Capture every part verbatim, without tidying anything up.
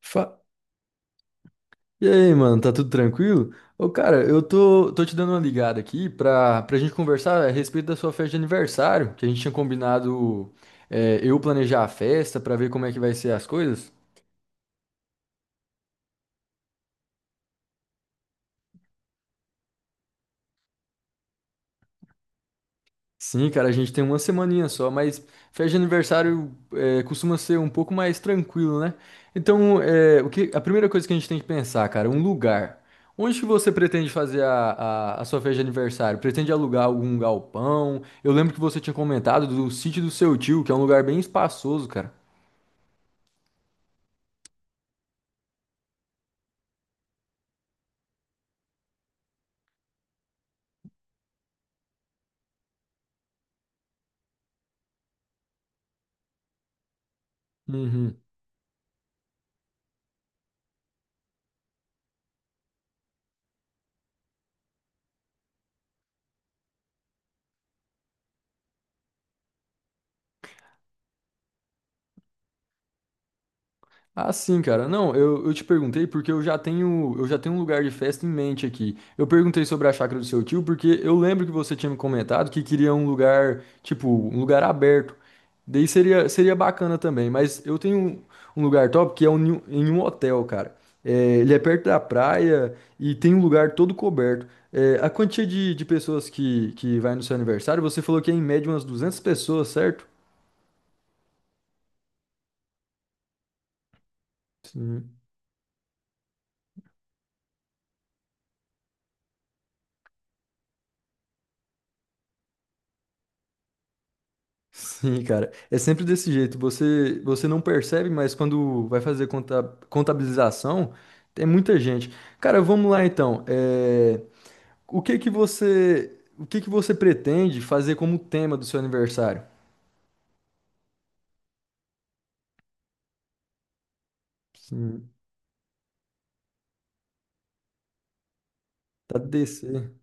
Fa- E aí, mano, tá tudo tranquilo? Ô, cara, eu tô, tô te dando uma ligada aqui pra, pra gente conversar a respeito da sua festa de aniversário, que a gente tinha combinado, é, eu planejar a festa pra ver como é que vai ser as coisas. Sim, cara, a gente tem uma semaninha só, mas festa de aniversário é, costuma ser um pouco mais tranquilo, né? Então, é, o que, a primeira coisa que a gente tem que pensar, cara, é um lugar. Onde que você pretende fazer a, a, a sua festa de aniversário? Pretende alugar algum galpão? Eu lembro que você tinha comentado do sítio do seu tio, que é um lugar bem espaçoso, cara. Uhum. Ah, sim, cara. Não, eu, eu te perguntei porque eu já tenho, eu já tenho um lugar de festa em mente aqui. Eu perguntei sobre a chácara do seu tio porque eu lembro que você tinha me comentado que queria um lugar, tipo, um lugar aberto. Daí seria, seria bacana também, mas eu tenho um um lugar top que é um, em um um hotel, cara. É, ele é perto da praia e tem um lugar todo coberto. É, a quantia de, de pessoas que, que vai no seu aniversário, você falou que é em média umas duzentas pessoas, certo? Sim, cara. É sempre desse jeito. Você, você não percebe, mas quando vai fazer conta, contabilização, tem muita gente. Cara, vamos lá então. É, o que que você, o que que você pretende fazer como tema do seu aniversário? Sim, tá descer.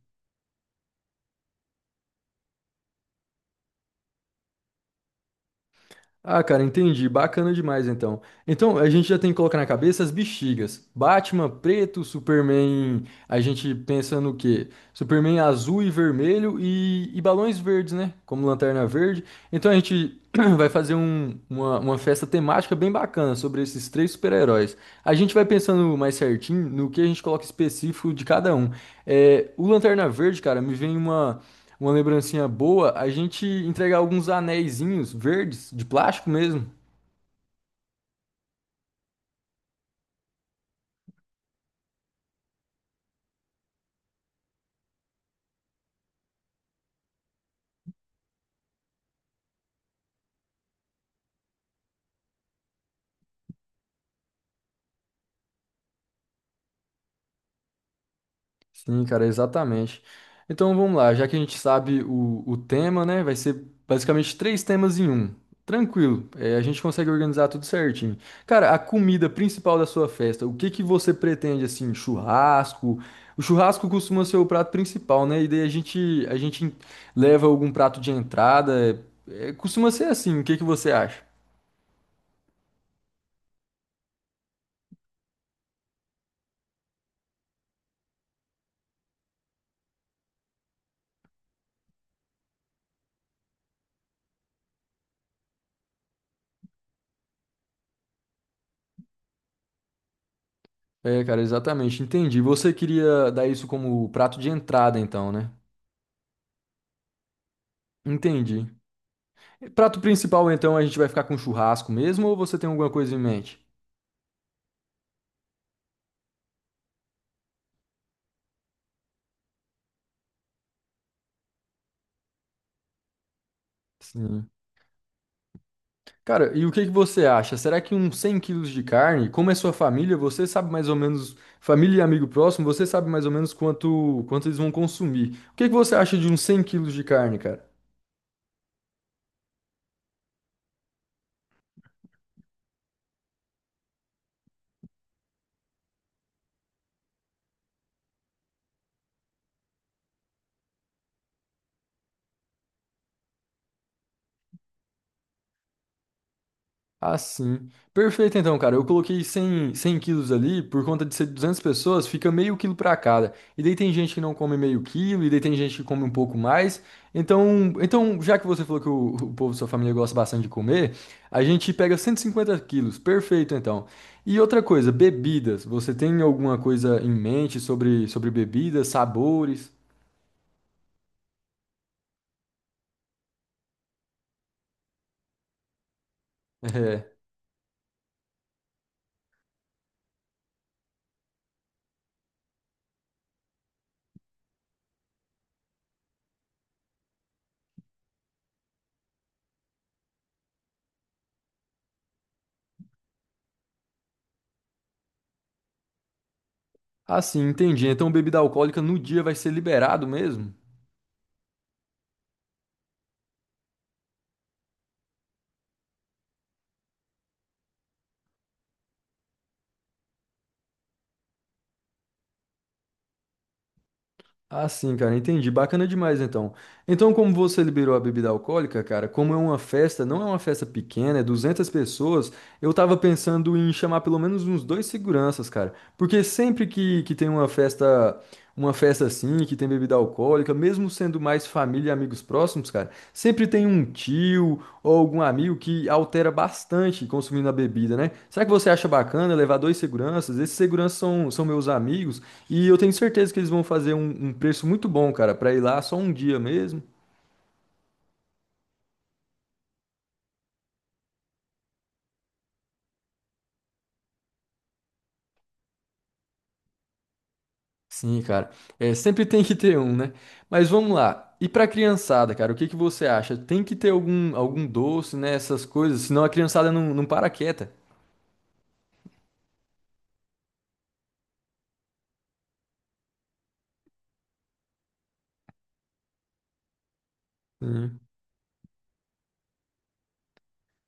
Ah, cara, entendi. Bacana demais então. Então, a gente já tem que colocar na cabeça as bexigas. Batman preto, Superman. A gente pensa no quê? Superman azul e vermelho e, e balões verdes, né? Como lanterna verde. Então a gente vai fazer um- uma, uma festa temática bem bacana sobre esses três super-heróis. A gente vai pensando mais certinho no que a gente coloca específico de cada um. É, o Lanterna Verde, cara, me vem uma, uma lembrancinha boa. A gente entregar alguns anéisinhos verdes, de plástico mesmo. Sim, cara, exatamente. Então vamos lá, já que a gente sabe o, o tema, né? Vai ser basicamente três temas em um. Tranquilo, é, a gente consegue organizar tudo certinho. Cara, a comida principal da sua festa, o que que você pretende assim? Churrasco? O churrasco costuma ser o prato principal, né? E daí a gente, a gente leva algum prato de entrada. É, costuma ser assim, o que que você acha? É, cara, exatamente, entendi. Você queria dar isso como prato de entrada, então, né? Entendi. Prato principal, então, a gente vai ficar com churrasco mesmo ou você tem alguma coisa em mente? Sim. Cara, e o que que você acha? Será que uns cem quilos de carne, como é sua família, você sabe mais ou menos, família e amigo próximo, você sabe mais ou menos quanto, quanto eles vão consumir. O que que você acha de uns cem quilos de carne, cara? Ah, sim. Perfeito, então, cara. Eu coloquei cem, cem quilos ali, por conta de ser duzentas pessoas, fica meio quilo para cada. E daí tem gente que não come meio quilo, e daí tem gente que come um pouco mais. Então, então já que você falou que o, o povo da sua família gosta bastante de comer, a gente pega cento e cinquenta quilos. Perfeito, então. E outra coisa, bebidas. Você tem alguma coisa em mente sobre, sobre bebidas, sabores? É. Ah, sim, entendi. Então, bebida alcoólica no dia vai ser liberado mesmo? Ah, sim, cara, entendi. Bacana demais, então. Então, como você liberou a bebida alcoólica, cara, como é uma festa, não é uma festa pequena, é duzentas pessoas, eu tava pensando em chamar pelo menos uns dois seguranças, cara. Porque sempre que, que tem uma festa, uma festa assim, que tem bebida alcoólica, mesmo sendo mais família e amigos próximos, cara, sempre tem um tio ou algum amigo que altera bastante consumindo a bebida, né? Será que você acha bacana levar dois seguranças? Esses seguranças são, são meus amigos e eu tenho certeza que eles vão fazer um, um preço muito bom, cara, pra ir lá só um dia mesmo. Sim, cara. É, sempre tem que ter um, né? Mas vamos lá. E pra criançada, cara, o que que você acha? Tem que ter algum, algum doce, né? Essas coisas, senão a criançada não, não para quieta. Sim.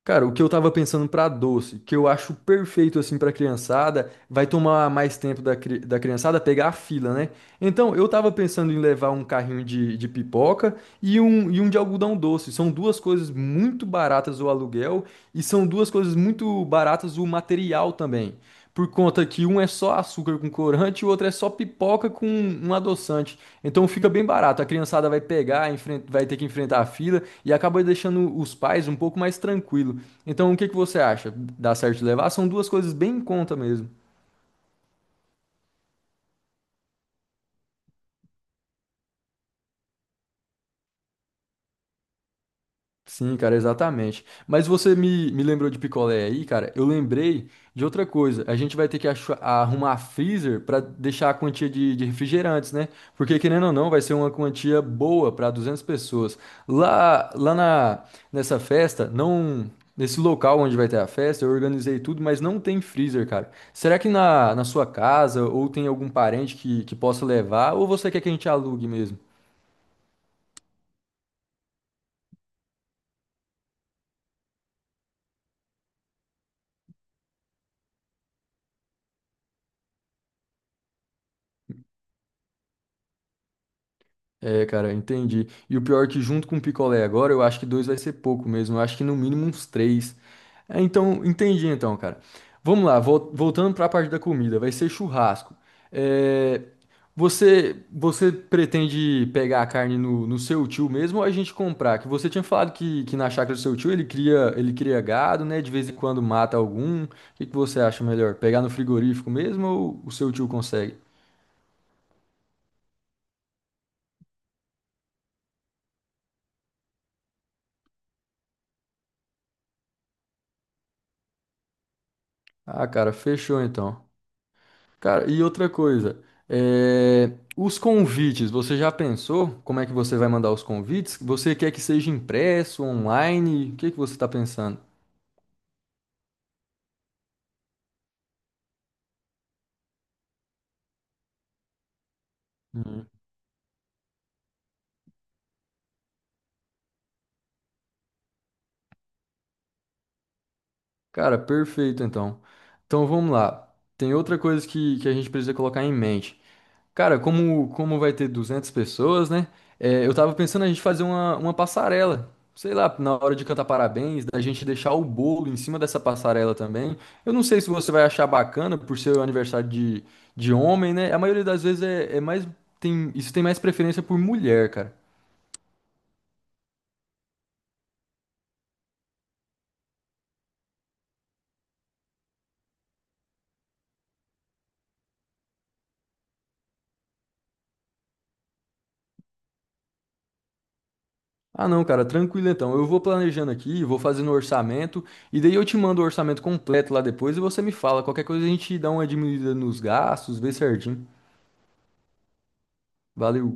Cara, o que eu tava pensando pra doce, que eu acho perfeito assim pra criançada, vai tomar mais tempo da, cri- da criançada pegar a fila, né? Então, eu tava pensando em levar um carrinho de, de pipoca e um, e um de algodão doce. São duas coisas muito baratas o aluguel e são duas coisas muito baratas o material também. Por conta que um é só açúcar com corante e o outro é só pipoca com um adoçante. Então fica bem barato. A criançada vai pegar, enfren- vai ter que enfrentar a fila e acaba deixando os pais um pouco mais tranquilo. Então o que que você acha? Dá certo levar? São duas coisas bem em conta mesmo. Sim, cara, exatamente. Mas você me, me lembrou de picolé aí, cara. Eu lembrei de outra coisa. A gente vai ter que achu- arrumar freezer para deixar a quantia de, de refrigerantes, né? Porque, querendo ou não, vai ser uma quantia boa para duzentas pessoas. Lá, lá na, nessa festa, não, nesse local onde vai ter a festa, eu organizei tudo, mas não tem freezer, cara. Será que na, na sua casa ou tem algum parente que, que possa levar? Ou você quer que a gente alugue mesmo? É, cara, entendi. E o pior é que junto com o picolé agora, eu acho que dois vai ser pouco mesmo. Eu acho que no mínimo uns três. É, então, entendi então, cara. Vamos lá, vol- voltando para a parte da comida, vai ser churrasco. É, você, você pretende pegar a carne no, no seu tio mesmo ou a gente comprar? Que você tinha falado que, que na chácara do seu tio ele cria, ele cria gado, né? De vez em quando mata algum. O que que você acha melhor? Pegar no frigorífico mesmo ou o seu tio consegue? Ah, cara, fechou então. Cara, e outra coisa, é, os convites, você já pensou como é que você vai mandar os convites? Você quer que seja impresso, online? O que que você está pensando? Uhum. Cara, perfeito então. Então vamos lá. Tem outra coisa que, que a gente precisa colocar em mente. Cara, como, como vai ter duzentas pessoas, né? É, eu tava pensando a gente fazer uma, uma passarela. Sei lá, na hora de cantar parabéns, da gente deixar o bolo em cima dessa passarela também. Eu não sei se você vai achar bacana por ser o aniversário de, de homem, né? A maioria das vezes é, é mais. Tem, isso tem mais preferência por mulher, cara. Ah, não, cara, tranquilo então. Eu vou planejando aqui, vou fazendo o orçamento, e daí eu te mando o orçamento completo lá depois e você me fala. Qualquer coisa a gente dá uma diminuída nos gastos, vê certinho. Valeu.